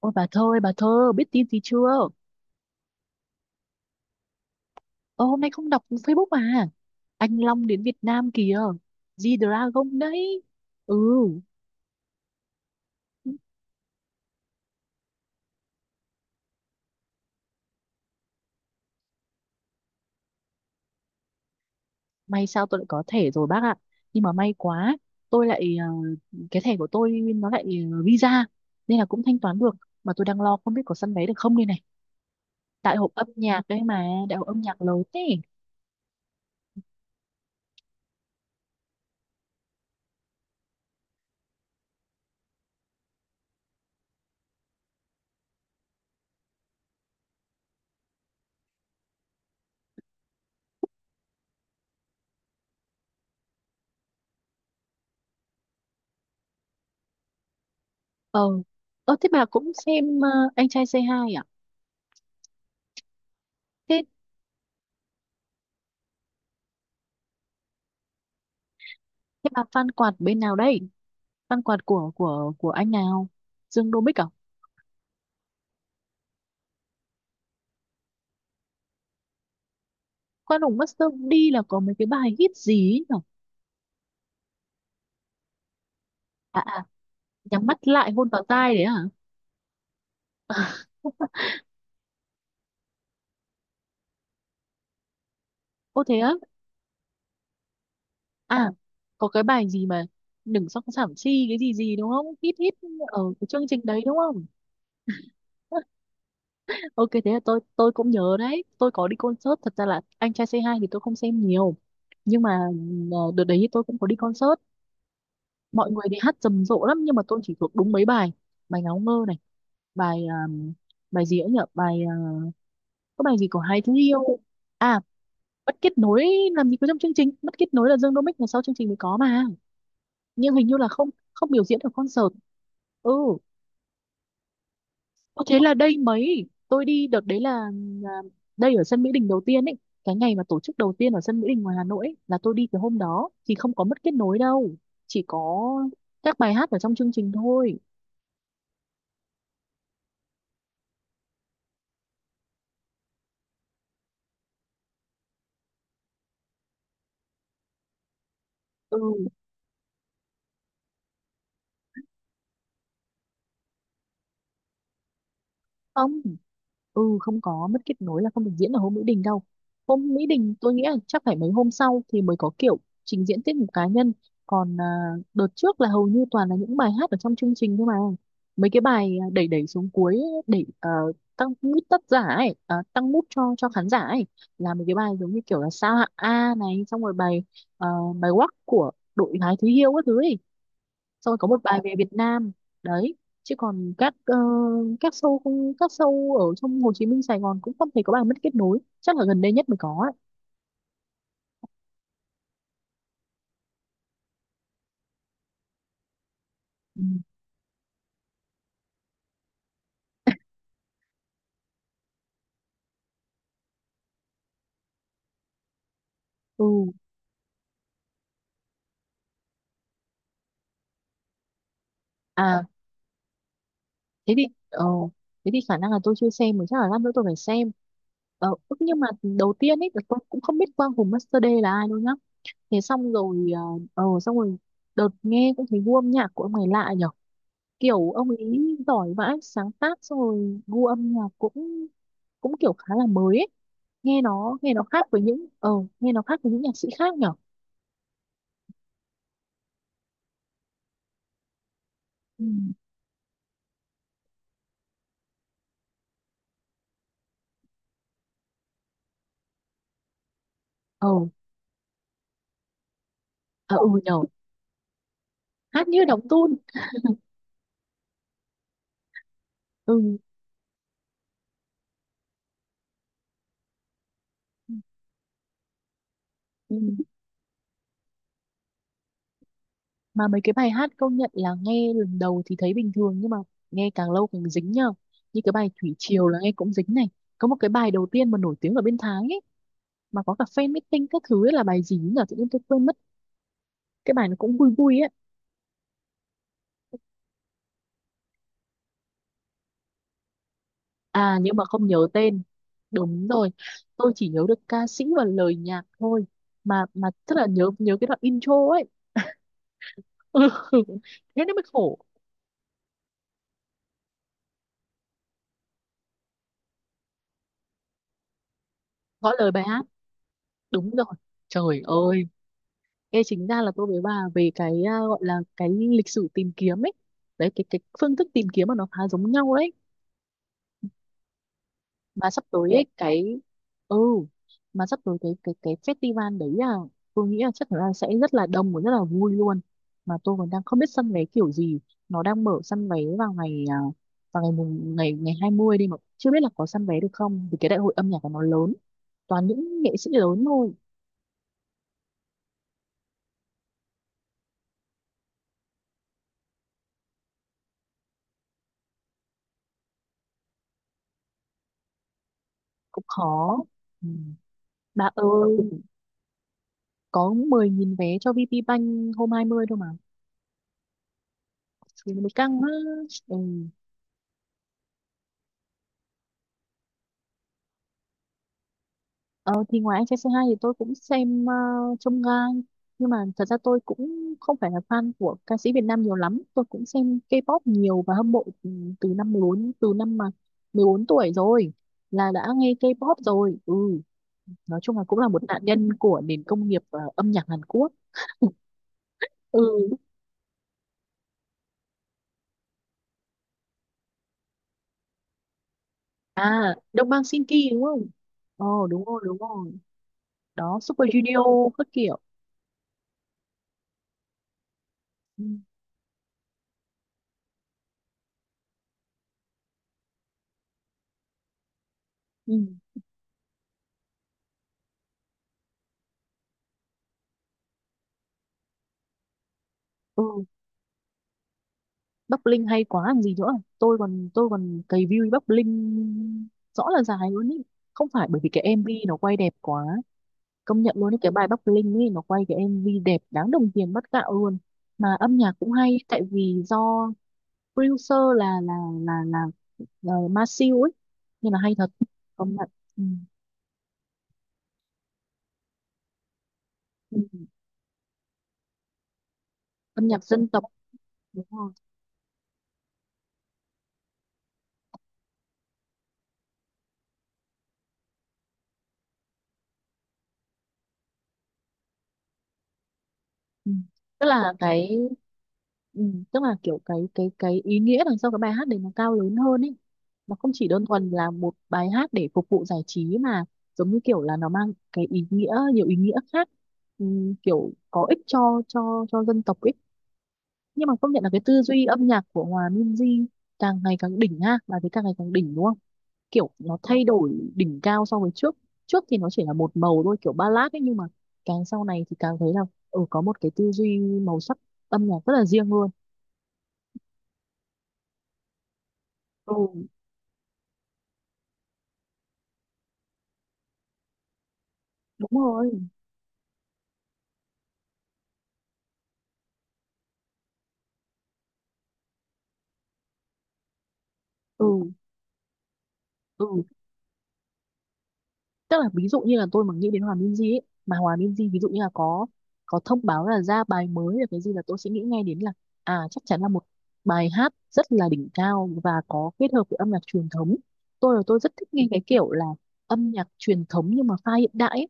Ôi bà Thơ ơi, bà Thơ biết tin gì chưa? Ơ hôm nay không đọc Facebook à? Anh Long đến Việt Nam kìa. G-Dragon đấy. Ừ. May sao tôi lại có thẻ rồi bác ạ. Nhưng mà may quá. Tôi lại cái thẻ của tôi nó lại Visa. Nên là cũng thanh toán được. Mà tôi đang lo không biết có săn vé được không đây này. Đại hội âm nhạc đấy mà, Đại hội âm nhạc lớn thế. Ờ. Ơ thế bà cũng xem Anh trai Say Hi à? Thế, thế bà fan quạt bên nào đây? Văn quạt của anh nào? Dương Đô Bích à? Khoan hùng mất sớm đi là có mấy cái bài hit gì ấy nhở? À, à, nhắm mắt lại hôn vào tai đấy à? Ô thế á? À, có cái bài gì mà đừng song sảm chi cái gì gì đúng không? Hit hit ở cái chương trình đấy đúng không? Ok, thế là tôi cũng nhớ đấy. Tôi có đi concert, thật ra là anh trai c hai thì tôi không xem nhiều, nhưng mà đợt đấy tôi cũng có đi concert, mọi người đi hát rầm rộ lắm nhưng mà tôi chỉ thuộc đúng mấy bài. Bài ngáo ngơ này, bài bài gì ấy nhở, bài uh, có bài gì của hai thứ yêu, à mất kết nối. Làm gì có trong chương trình, mất kết nối là Dương Đô Mích là sau chương trình mới có mà. Nhưng hình như là không không biểu diễn ở concert. Ừ có, thế là đây mấy tôi đi đợt đấy là đây ở sân Mỹ Đình đầu tiên ấy, cái ngày mà tổ chức đầu tiên ở sân Mỹ Đình ngoài Hà Nội ấy, là tôi đi cái hôm đó thì không có mất kết nối đâu, chỉ có các bài hát ở trong chương trình thôi. Ừ không. Ừ không có mất kết nối là không được diễn ở hôm Mỹ Đình đâu. Hôm Mỹ Đình tôi nghĩ là chắc phải mấy hôm sau thì mới có kiểu trình diễn tiết mục cá nhân. Còn đợt trước là hầu như toàn là những bài hát ở trong chương trình thôi mà. Mấy cái bài đẩy đẩy xuống cuối để tăng mút tất giả ấy, à tăng mút cho khán giả ấy, là mấy cái bài giống như kiểu là sao hạng A này, xong rồi bài ờ, bài Wack của đội gái Thúy Hiêu các thứ ấy, xong rồi có một bài về Việt Nam đấy. Chứ còn các các show, không các show ở trong Hồ Chí Minh Sài Gòn cũng không thấy có bài mất kết nối, chắc là gần đây nhất mới có ấy. Ừ. Ừ à thế thì ờ, thế thì khả năng là tôi chưa xem mà chắc là lát nữa tôi phải xem. Ờ, ức nhưng mà đầu tiên ấy là tôi cũng không biết Quang Hùng Master D là ai đâu nhá. Thế xong rồi ờ, ờ xong rồi đợt nghe cũng thấy gu âm nhạc của ông này lạ nhở, kiểu ông ấy giỏi vãi sáng tác, xong rồi gu âm nhạc cũng cũng kiểu khá là mới ấy. Nghe nó nghe nó khác với những ờ, nghe nó khác với những nhạc sĩ khác nhở. Ừ, ờ, à ừ nhở. Hát như đóng tun. Ừ. Ừ, mà mấy cái bài hát công nhận là nghe lần đầu thì thấy bình thường nhưng mà nghe càng lâu càng dính nhở. Như cái bài Thủy Triều là nghe cũng dính này. Có một cái bài đầu tiên mà nổi tiếng ở bên Thái ấy, mà có cả fan meeting các thứ ấy, là bài gì nhỉ, tự nhiên tôi quên mất. Cái bài nó cũng vui vui ấy. À nhưng mà không nhớ tên. Đúng rồi. Tôi chỉ nhớ được ca sĩ và lời nhạc thôi. Mà rất là nhớ, nhớ cái đoạn intro ấy. Thế nó mới khổ. Gõ lời bài hát. Đúng rồi. Trời ơi. Ê, chính ra là tôi với bà về cái gọi là cái lịch sử tìm kiếm ấy. Đấy cái phương thức tìm kiếm mà nó khá giống nhau đấy. Mà sắp tới ấy, cái ừ mà sắp tới cái festival đấy à, tôi nghĩ là chắc là sẽ rất là đông và rất là vui luôn. Mà tôi còn đang không biết săn vé kiểu gì. Nó đang mở săn vé vào ngày vào ngày mùng ngày ngày 20 đi mà chưa biết là có săn vé được không, vì cái đại hội âm nhạc của nó lớn, toàn những nghệ sĩ lớn thôi. Cũng khó. Ừ. Bà ơi có 10.000 vé cho VP Bank hôm 20 thôi mà, thì nó mới căng á. Ừ. Ờ, thì ngoài anh trai Say hai thì tôi cũng xem Chông Gai, nhưng mà thật ra tôi cũng không phải là fan của ca sĩ Việt Nam nhiều lắm. Tôi cũng xem K-pop nhiều và hâm mộ từ từ năm 14, từ năm mà 14 tuổi rồi, là đã nghe K-pop rồi. Ừ, nói chung là cũng là một nạn nhân của nền công nghiệp âm nhạc Hàn Quốc. Ừ. À Đông Bang Sinki đúng không? Ồ đúng rồi đúng rồi. Đó Super Junior các kiểu. Ừ. Ừ. Ừ. Bắc Linh hay quá làm gì nữa. Tôi còn cày view Bắc Linh rõ là dài luôn ý. Không phải, bởi vì cái MV nó quay đẹp quá, công nhận luôn ý. Cái bài Bắc Linh ấy nó quay cái MV đẹp đáng đồng tiền bát gạo luôn, mà âm nhạc cũng hay, tại vì do producer là là, là Masew ấy, nên là hay thật. Công nhận. Ừ. Ừ. Âm nhạc dân tộc, đúng rồi. Ừ. Tức là cái ừ, tức là kiểu cái ý nghĩa đằng sau cái bài hát đấy nó cao lớn hơn ấy. Nó không chỉ đơn thuần là một bài hát để phục vụ giải trí mà giống như kiểu là nó mang cái ý nghĩa, nhiều ý nghĩa khác. Ừ, kiểu có ích cho cho dân tộc ấy. Nhưng mà công nhận là cái tư duy âm nhạc của Hòa Minzy càng ngày càng đỉnh ha, bà thấy càng ngày càng đỉnh đúng không? Kiểu nó thay đổi đỉnh cao so với trước. Trước thì nó chỉ là một màu thôi, kiểu ballad ấy, nhưng mà càng sau này thì càng thấy là ừ, có một cái tư duy màu sắc âm nhạc rất là riêng luôn. Ừ đúng rồi. Ừ. Ừ. Tức là ví dụ như là tôi mà nghĩ đến Hòa Minzy ấy, mà Hòa Minzy ví dụ như là có thông báo là ra bài mới là cái gì, là tôi sẽ nghĩ ngay đến là à chắc chắn là một bài hát rất là đỉnh cao và có kết hợp với âm nhạc truyền thống. Tôi rất thích nghe cái kiểu là âm nhạc truyền thống nhưng mà pha hiện đại ấy.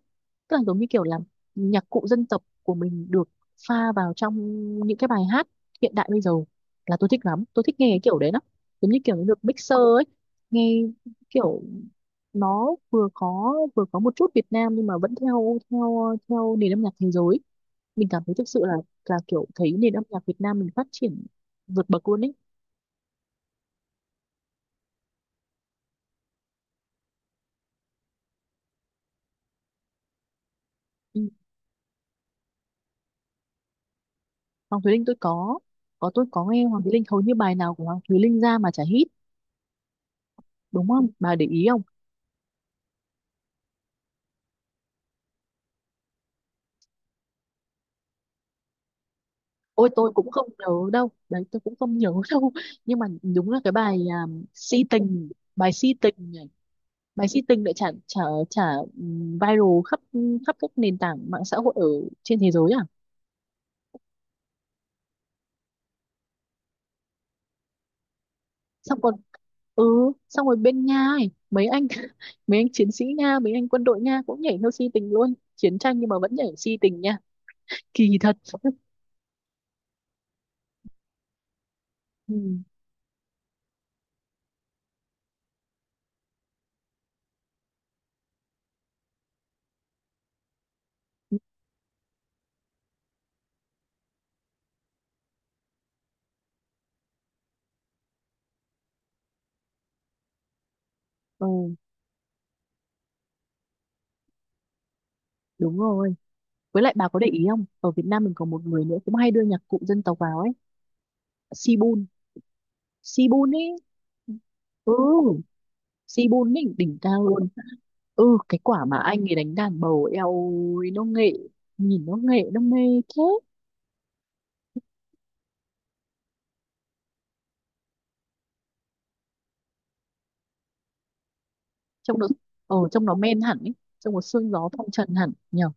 Tức là giống như kiểu là nhạc cụ dân tộc của mình được pha vào trong những cái bài hát hiện đại bây giờ, là tôi thích lắm, tôi thích nghe cái kiểu đấy lắm. Giống như kiểu nó được mixer ấy, nghe kiểu nó vừa có, vừa có một chút Việt Nam nhưng mà vẫn theo theo theo nền âm nhạc thế giới. Mình cảm thấy thực sự là kiểu thấy nền âm nhạc Việt Nam mình phát triển vượt bậc luôn ấy. Ừ. Hoàng Thùy Linh tôi có nghe, Hoàng Thùy Linh hầu như bài nào của Hoàng Thùy Linh ra mà chả hit, đúng không bà để ý không? Ôi tôi cũng không nhớ đâu đấy, tôi cũng không nhớ đâu. Nhưng mà đúng là cái bài si tình, bài si tình này. Bài si tình lại chả chả chả ừ, viral khắp khắp các nền tảng mạng xã hội ở trên thế giới. Xong còn ừ, xong rồi bên Nga ấy, mấy anh mấy anh chiến sĩ Nga, mấy anh quân đội Nga cũng nhảy theo si tình luôn, chiến tranh nhưng mà vẫn nhảy si tình nha, kỳ thật. Ừ. Ừ, đúng rồi, với lại bà có để ý không, ở Việt Nam mình có một người nữa cũng hay đưa nhạc cụ dân tộc vào ấy. Sibun. Sibun ấy. Ừ, Sibun ấy đỉnh cao luôn. Ừ, cái quả mà anh ấy đánh đàn bầu eo, ôi nó nghệ, nhìn nó nghệ nó mê thế. Trông nó, ờ trông nó men hẳn ấy, trông nó sương gió phong trần hẳn nhở.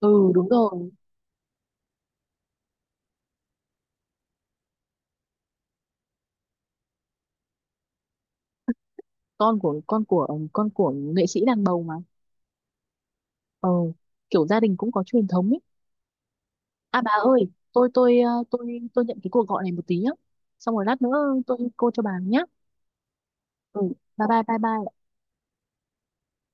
Ừ đúng rồi. Con của con của nghệ sĩ đàn bầu mà. Ờ, kiểu gia đình cũng có truyền thống ấy. À bà ơi tôi ờ, tôi nhận cái cuộc gọi này một tí nhá, xong rồi lát nữa tôi cô cho bà nhá. Ừ bye bye bye bye.